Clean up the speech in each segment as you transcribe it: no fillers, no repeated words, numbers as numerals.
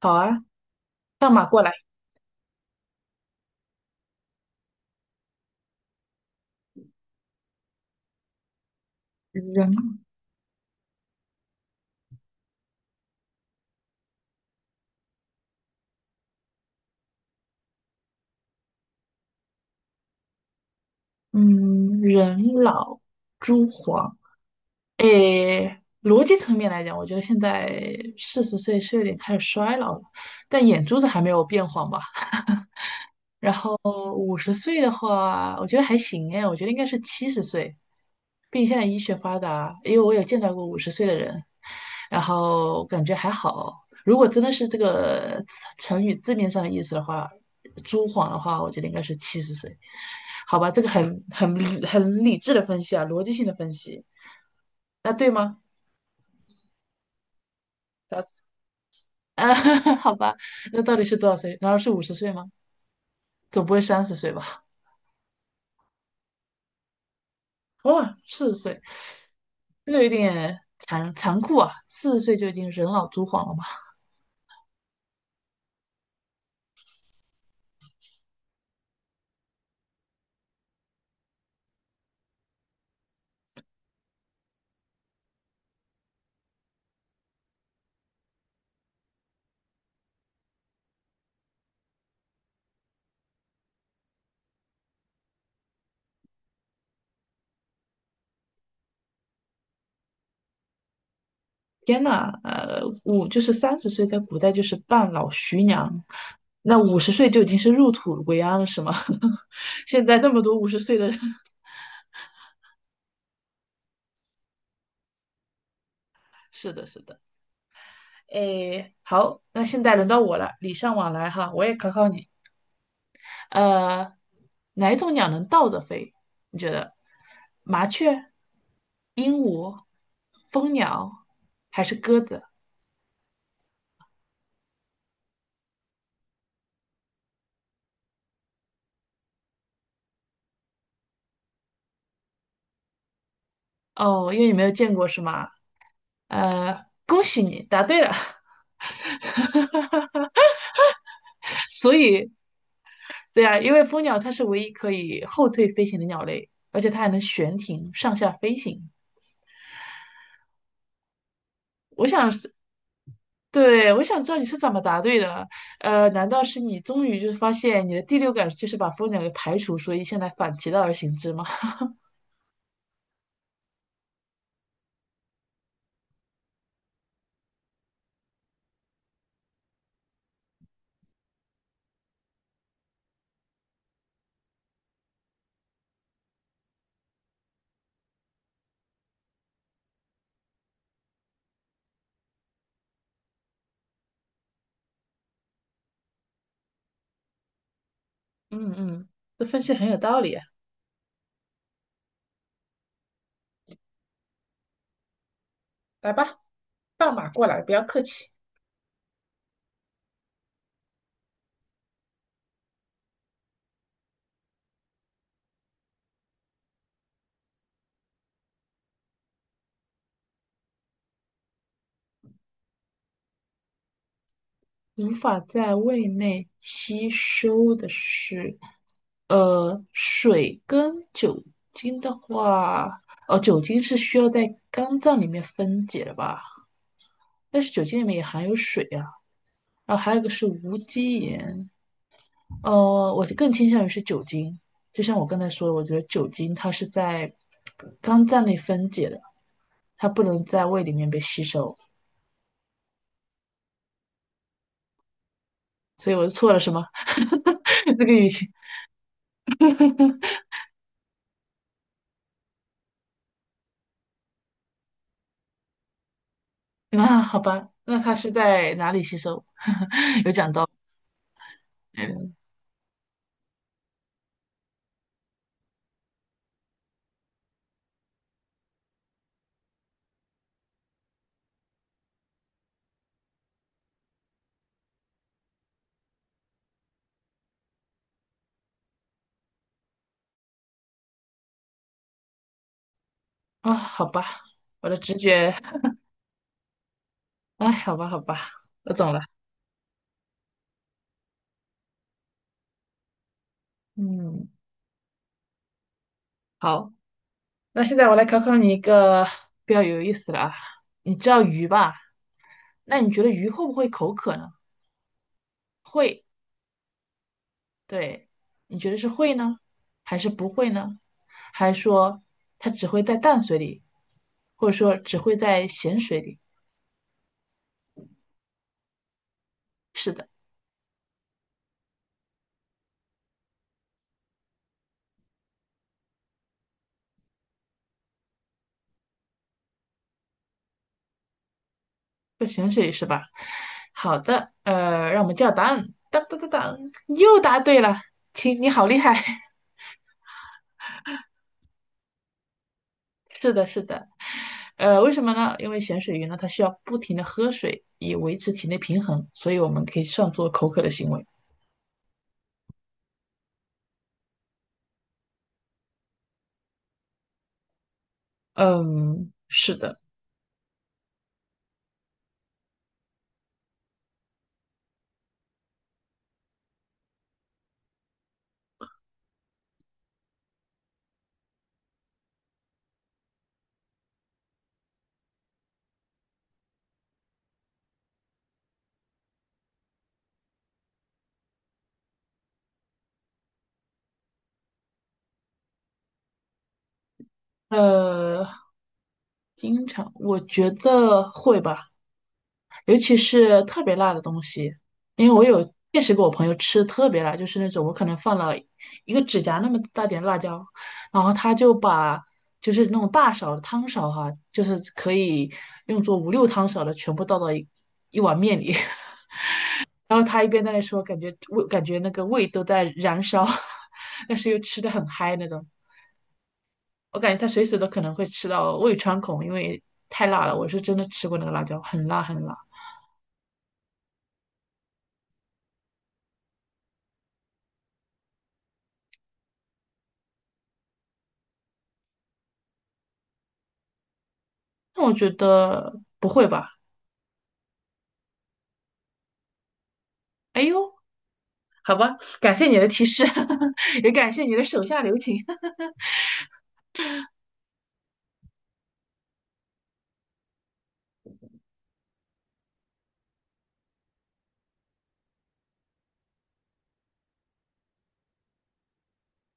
好啊，跳马过来。人，嗯，人老珠黄。诶，逻辑层面来讲，我觉得现在四十岁是有点开始衰老了，但眼珠子还没有变黄吧？哦，五十岁的话，我觉得还行哎，我觉得应该是七十岁，毕竟现在医学发达，因为我有见到过五十岁的人，然后感觉还好。如果真的是这个成语字面上的意思的话，朱晃的话，我觉得应该是七十岁。好吧，这个很很理智的分析啊，逻辑性的分析。那对吗？啊，好吧，那到底是多少岁？难道是五十岁吗？总不会三十岁吧？哇，四十岁，这个有点残酷啊！四十岁就已经人老珠黄了嘛？天呐，五就是三十岁，在古代就是半老徐娘，那五十岁就已经是入土为安了，是吗？现在那么多50岁的人，是的，是的。诶，好，那现在轮到我了，礼尚往来哈，我也考考你。呃，哪一种鸟能倒着飞？你觉得？麻雀、鹦鹉、蜂鸟还是鸽子？哦，因为你没有见过是吗？恭喜你答对了。所以，对啊，因为蜂鸟它是唯一可以后退飞行的鸟类，而且它还能悬停上下飞行。我想是，对，我想知道你是怎么答对的。难道是你终于就是发现你的第六感就是把蜂鸟给排除，所以现在反其道而行之吗？嗯嗯，这分析很有道理啊。来吧，放马过来，不要客气。无法在胃内吸收的是，水跟酒精的话，哦，酒精是需要在肝脏里面分解的吧？但是酒精里面也含有水啊。然后还有一个是无机盐，我更倾向于是酒精。就像我刚才说的，我觉得酒精它是在肝脏内分解的，它不能在胃里面被吸收。所以我错了什么？这个语气。那好吧，那他是在哪里吸收？有讲到，嗯啊，好吧，我的直觉，哎，好吧，好吧，我懂了。嗯，好，那现在我来考考你一个比较有意思的啊。你知道鱼吧？那你觉得鱼会不会口渴呢？会，对，你觉得是会呢，还是不会呢？还是说它只会在淡水里，或者说只会在咸水里？是的。咸水鱼是吧？好的，让我们叫答案，当当当当，又答对了，亲，你好厉害！是的，是的，为什么呢？因为咸水鱼呢，它需要不停的喝水以维持体内平衡，所以我们可以算作口渴的行为。嗯，是的，呃，经常，我觉得会吧，尤其是特别辣的东西，因为我有见识过我朋友吃特别辣，就是那种我可能放了一个指甲那么大点的辣椒，然后他就把就是那种大勺的汤勺哈、就是可以用作五六汤勺的全部倒到一碗面里，然后他一边在那说，感觉味感觉那个胃都在燃烧，但是又吃的很嗨那种。我感觉他随时都可能会吃到胃穿孔，因为太辣了。我是真的吃过那个辣椒，很辣很辣。那我觉得不会吧？哎呦，好吧，感谢你的提示，也感谢你的手下留情。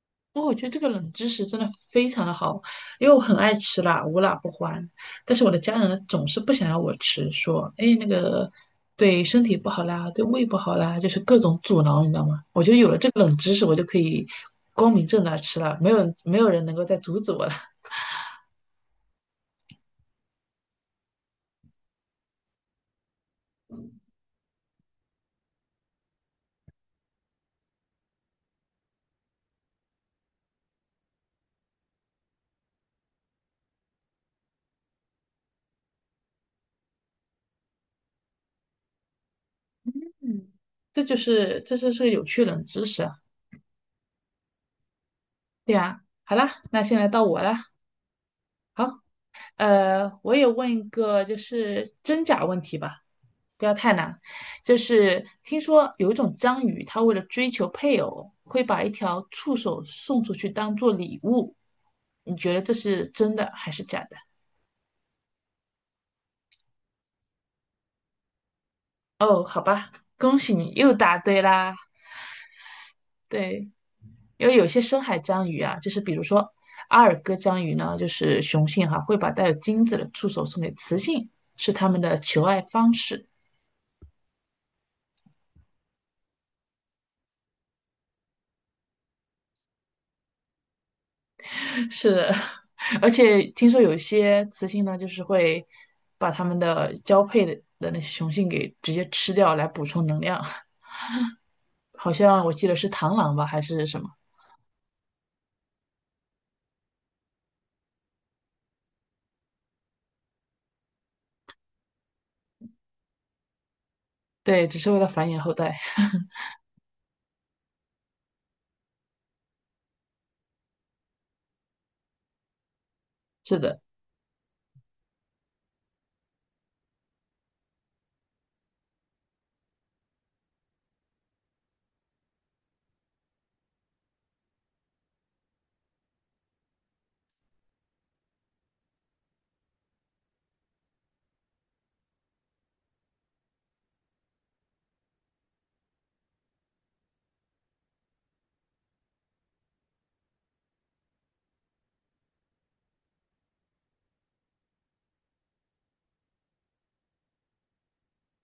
哇，我觉得这个冷知识真的非常的好，因为我很爱吃辣，无辣不欢。但是我的家人呢，总是不想要我吃，说，哎，那个对身体不好啦，对胃不好啦，就是各种阻挠，你知道吗？我觉得有了这个冷知识，我就可以光明正大吃了，没有人能够再阻止我了。嗯，这就是有趣冷知识啊。对啊，好啦，那现在到我啦。好，我也问一个就是真假问题吧，不要太难。就是听说有一种章鱼，它为了追求配偶，会把一条触手送出去当做礼物。你觉得这是真的还是假的？哦，好吧，恭喜你又答对啦。对。因为有些深海章鱼啊，就是比如说阿尔戈章鱼呢，就是雄性哈、会把带有精子的触手送给雌性，是它们的求爱方式。是的，而且听说有一些雌性呢，就是会把它们的交配的那雄性给直接吃掉来补充能量，好像我记得是螳螂吧，还是什么？对，只是为了繁衍后代。是的。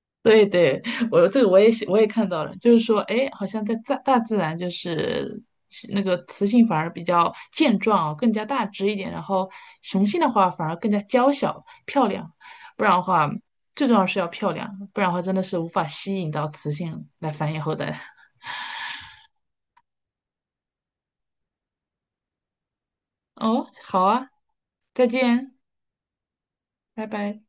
对对，我这个我也看到了，就是说，哎，好像在大自然就是是那个雌性反而比较健壮哦，更加大只一点，然后雄性的话反而更加娇小漂亮，不然的话，最重要是要漂亮，不然的话真的是无法吸引到雌性来繁衍后代。哦，好啊，再见，拜拜。